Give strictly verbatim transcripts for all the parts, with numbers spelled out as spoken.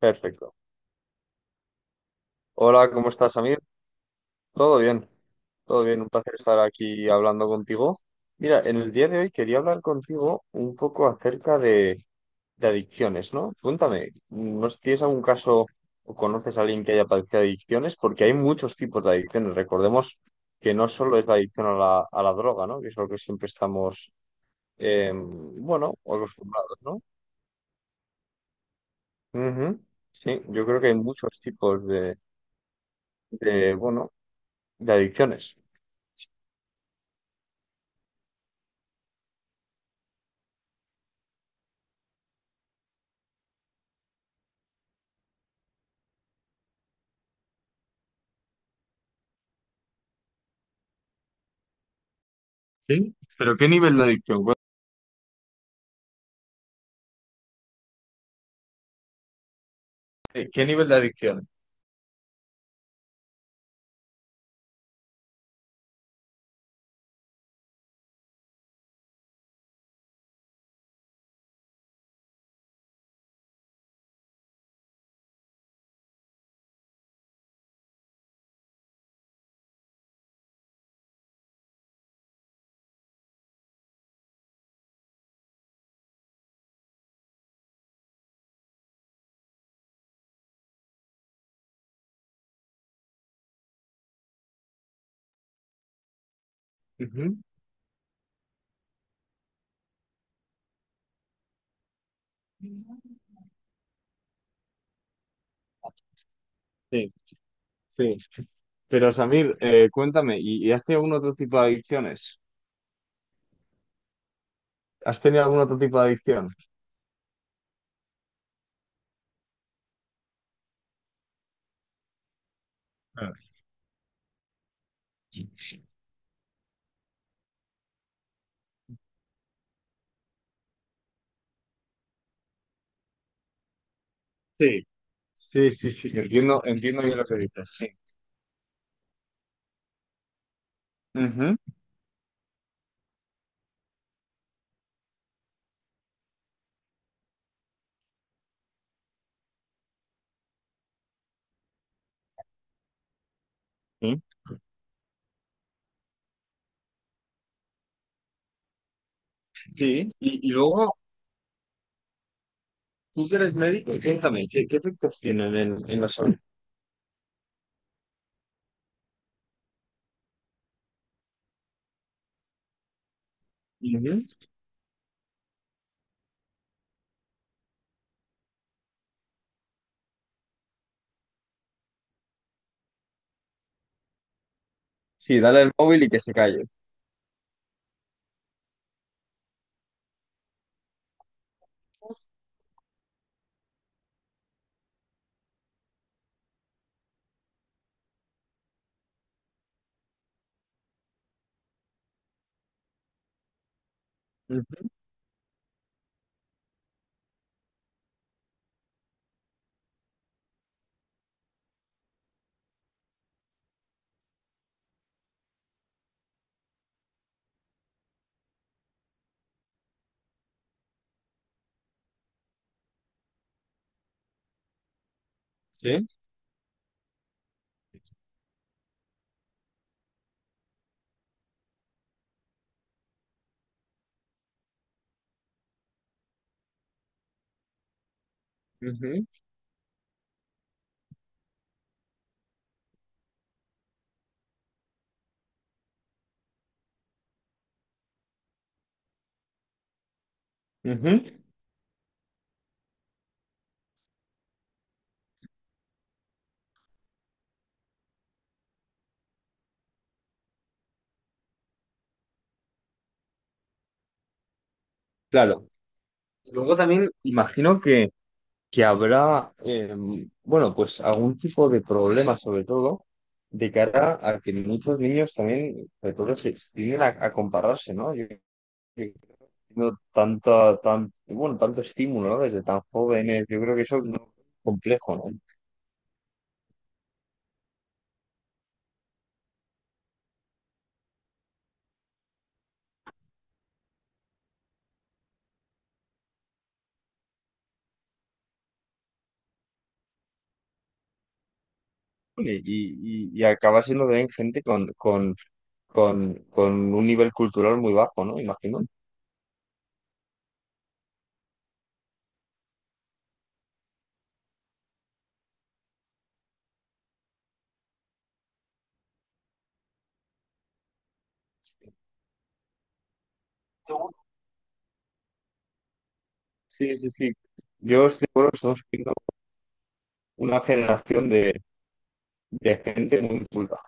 Perfecto. Hola, ¿cómo estás, Amir? Todo bien, todo bien. Un placer estar aquí hablando contigo. Mira, en el día de hoy quería hablar contigo un poco acerca de, de adicciones, ¿no? Cuéntame, ¿no sé si tienes algún caso o conoces a alguien que haya padecido adicciones? Porque hay muchos tipos de adicciones. Recordemos que no solo es la adicción a la, a la droga, ¿no? Que es lo que siempre estamos, eh, bueno, acostumbrados, ¿no? Ujú. Sí, yo creo que hay muchos tipos de, de, bueno, de adicciones. Sí, pero ¿qué nivel de adicción? Cuéntame, ¿qué nivel de adicción? Ujú. Sí, sí. Pero Samir, eh, cuéntame, ¿y, y has tenido algún otro tipo de adicciones? ¿Has tenido algún otro tipo de adicción? Ah, sí, sí, sí, sí. Entiendo, entiendo bien lo que dices. Sí. Ujú. Sí. Sí. Y, y luego, tú que eres médico, cuéntame, ¿qué, qué efectos tienen en, en la salud? Ujú. Sí, dale el móvil y que se calle. Ujú. Sí. Ujú. Ujú. Claro. Luego también imagino que. que habrá, eh, bueno, pues algún tipo de problema, sobre todo, de cara a que muchos niños también, sobre todo, se se tienden a, a compararse, ¿no? Yo, yo tengo tanta, tan, bueno, tanto estímulo, ¿no? Desde tan jóvenes, yo creo que eso es muy complejo, ¿no? Y, y, y acaba siendo también gente con, con, con, con un nivel cultural muy bajo, ¿no? Imagino. Sí, sí, sí. Yo estoy seguro que estamos viendo una generación de, de gente muy culta.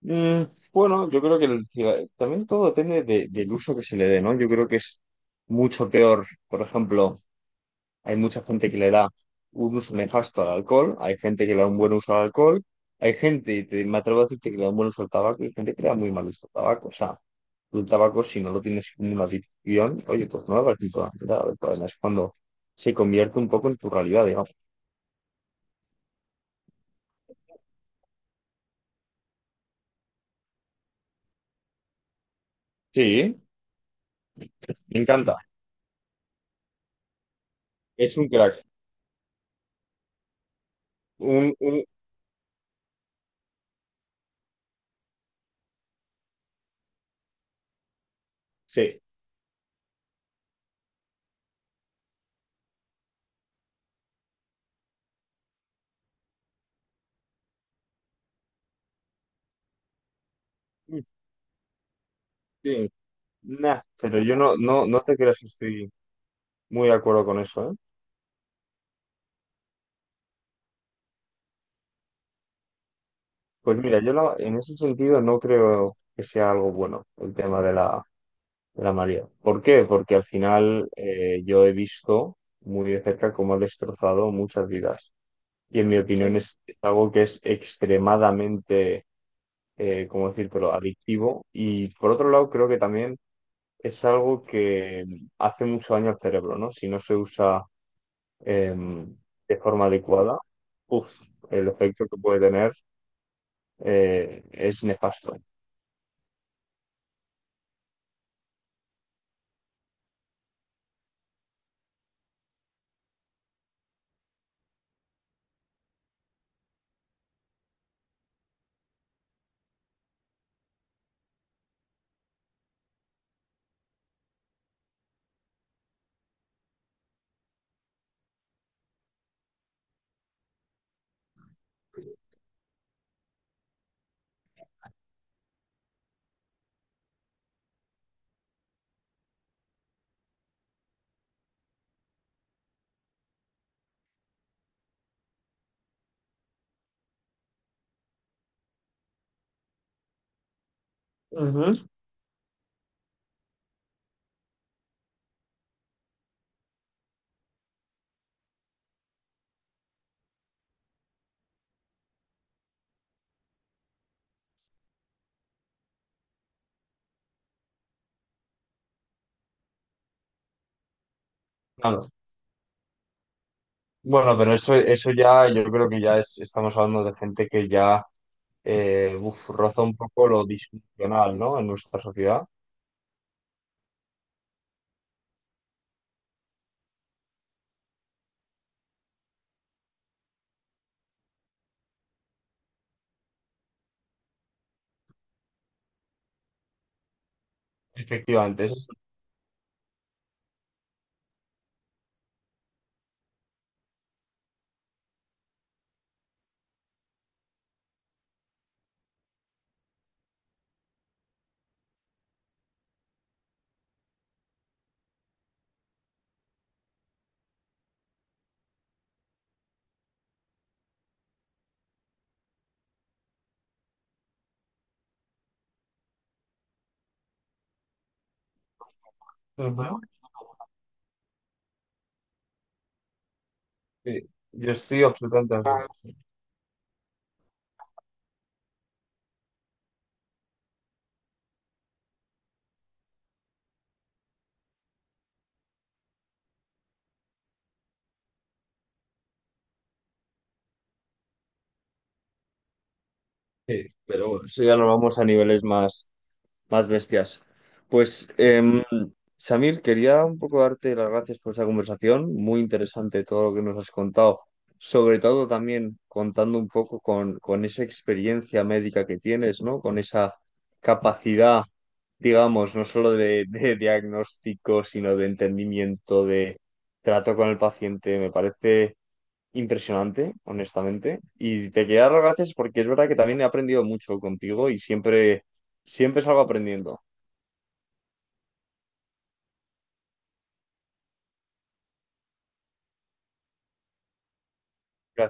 Mm, bueno, yo creo que el ciga- también todo depende de- del uso que se le dé, ¿no? Yo creo que es mucho peor. Por ejemplo, hay mucha gente que le da un uso nefasto al alcohol, hay gente que le da un buen uso al alcohol, hay gente, y te- me atrevo a decirte que le da un buen uso al tabaco, y hay gente que le da muy mal uso al tabaco. O sea, el tabaco, si no lo tienes como una adicción, oye, pues no lo vas importante. Toda la... Es cuando se convierte un poco en tu realidad, digamos. Sí, me encanta. Es un crack. Un, un, sí. Sí, nah, pero yo no, no, no te creas que estoy muy de acuerdo con eso, ¿eh? Pues mira, yo no, en ese sentido no creo que sea algo bueno el tema de la, de la María. ¿Por qué? Porque al final eh, yo he visto muy de cerca cómo ha destrozado muchas vidas. Y en mi opinión sí. es, es algo que es extremadamente, eh, ¿cómo decírtelo?, adictivo. Y por otro lado, creo que también es algo que hace mucho daño al cerebro, ¿no? Si no se usa eh, de forma adecuada, uf, el efecto que puede tener eh, es nefasto. Ujú. Claro. Bueno, pero eso, eso ya, yo creo que ya es- estamos hablando de gente que ya eh, uf, roza un poco lo disfuncional, ¿no? En nuestra sociedad. Efectivamente, es... Ujú. Sí, yo estoy absolutamente de acuerdo. Sí, pero bueno, eso ya nos vamos a niveles más. Más bestias. Pues, em, Samir, quería un poco darte las gracias por esa conversación, muy interesante todo lo que nos has contado, sobre todo también contando un poco con, con esa experiencia médica que tienes, ¿no? Con esa capacidad, digamos, no solo de, de diagnóstico, sino de entendimiento, de trato con el paciente. Me parece impresionante, honestamente. Y te quería dar las gracias porque es verdad que también he aprendido mucho contigo y siempre, siempre salgo aprendiendo. Gracias.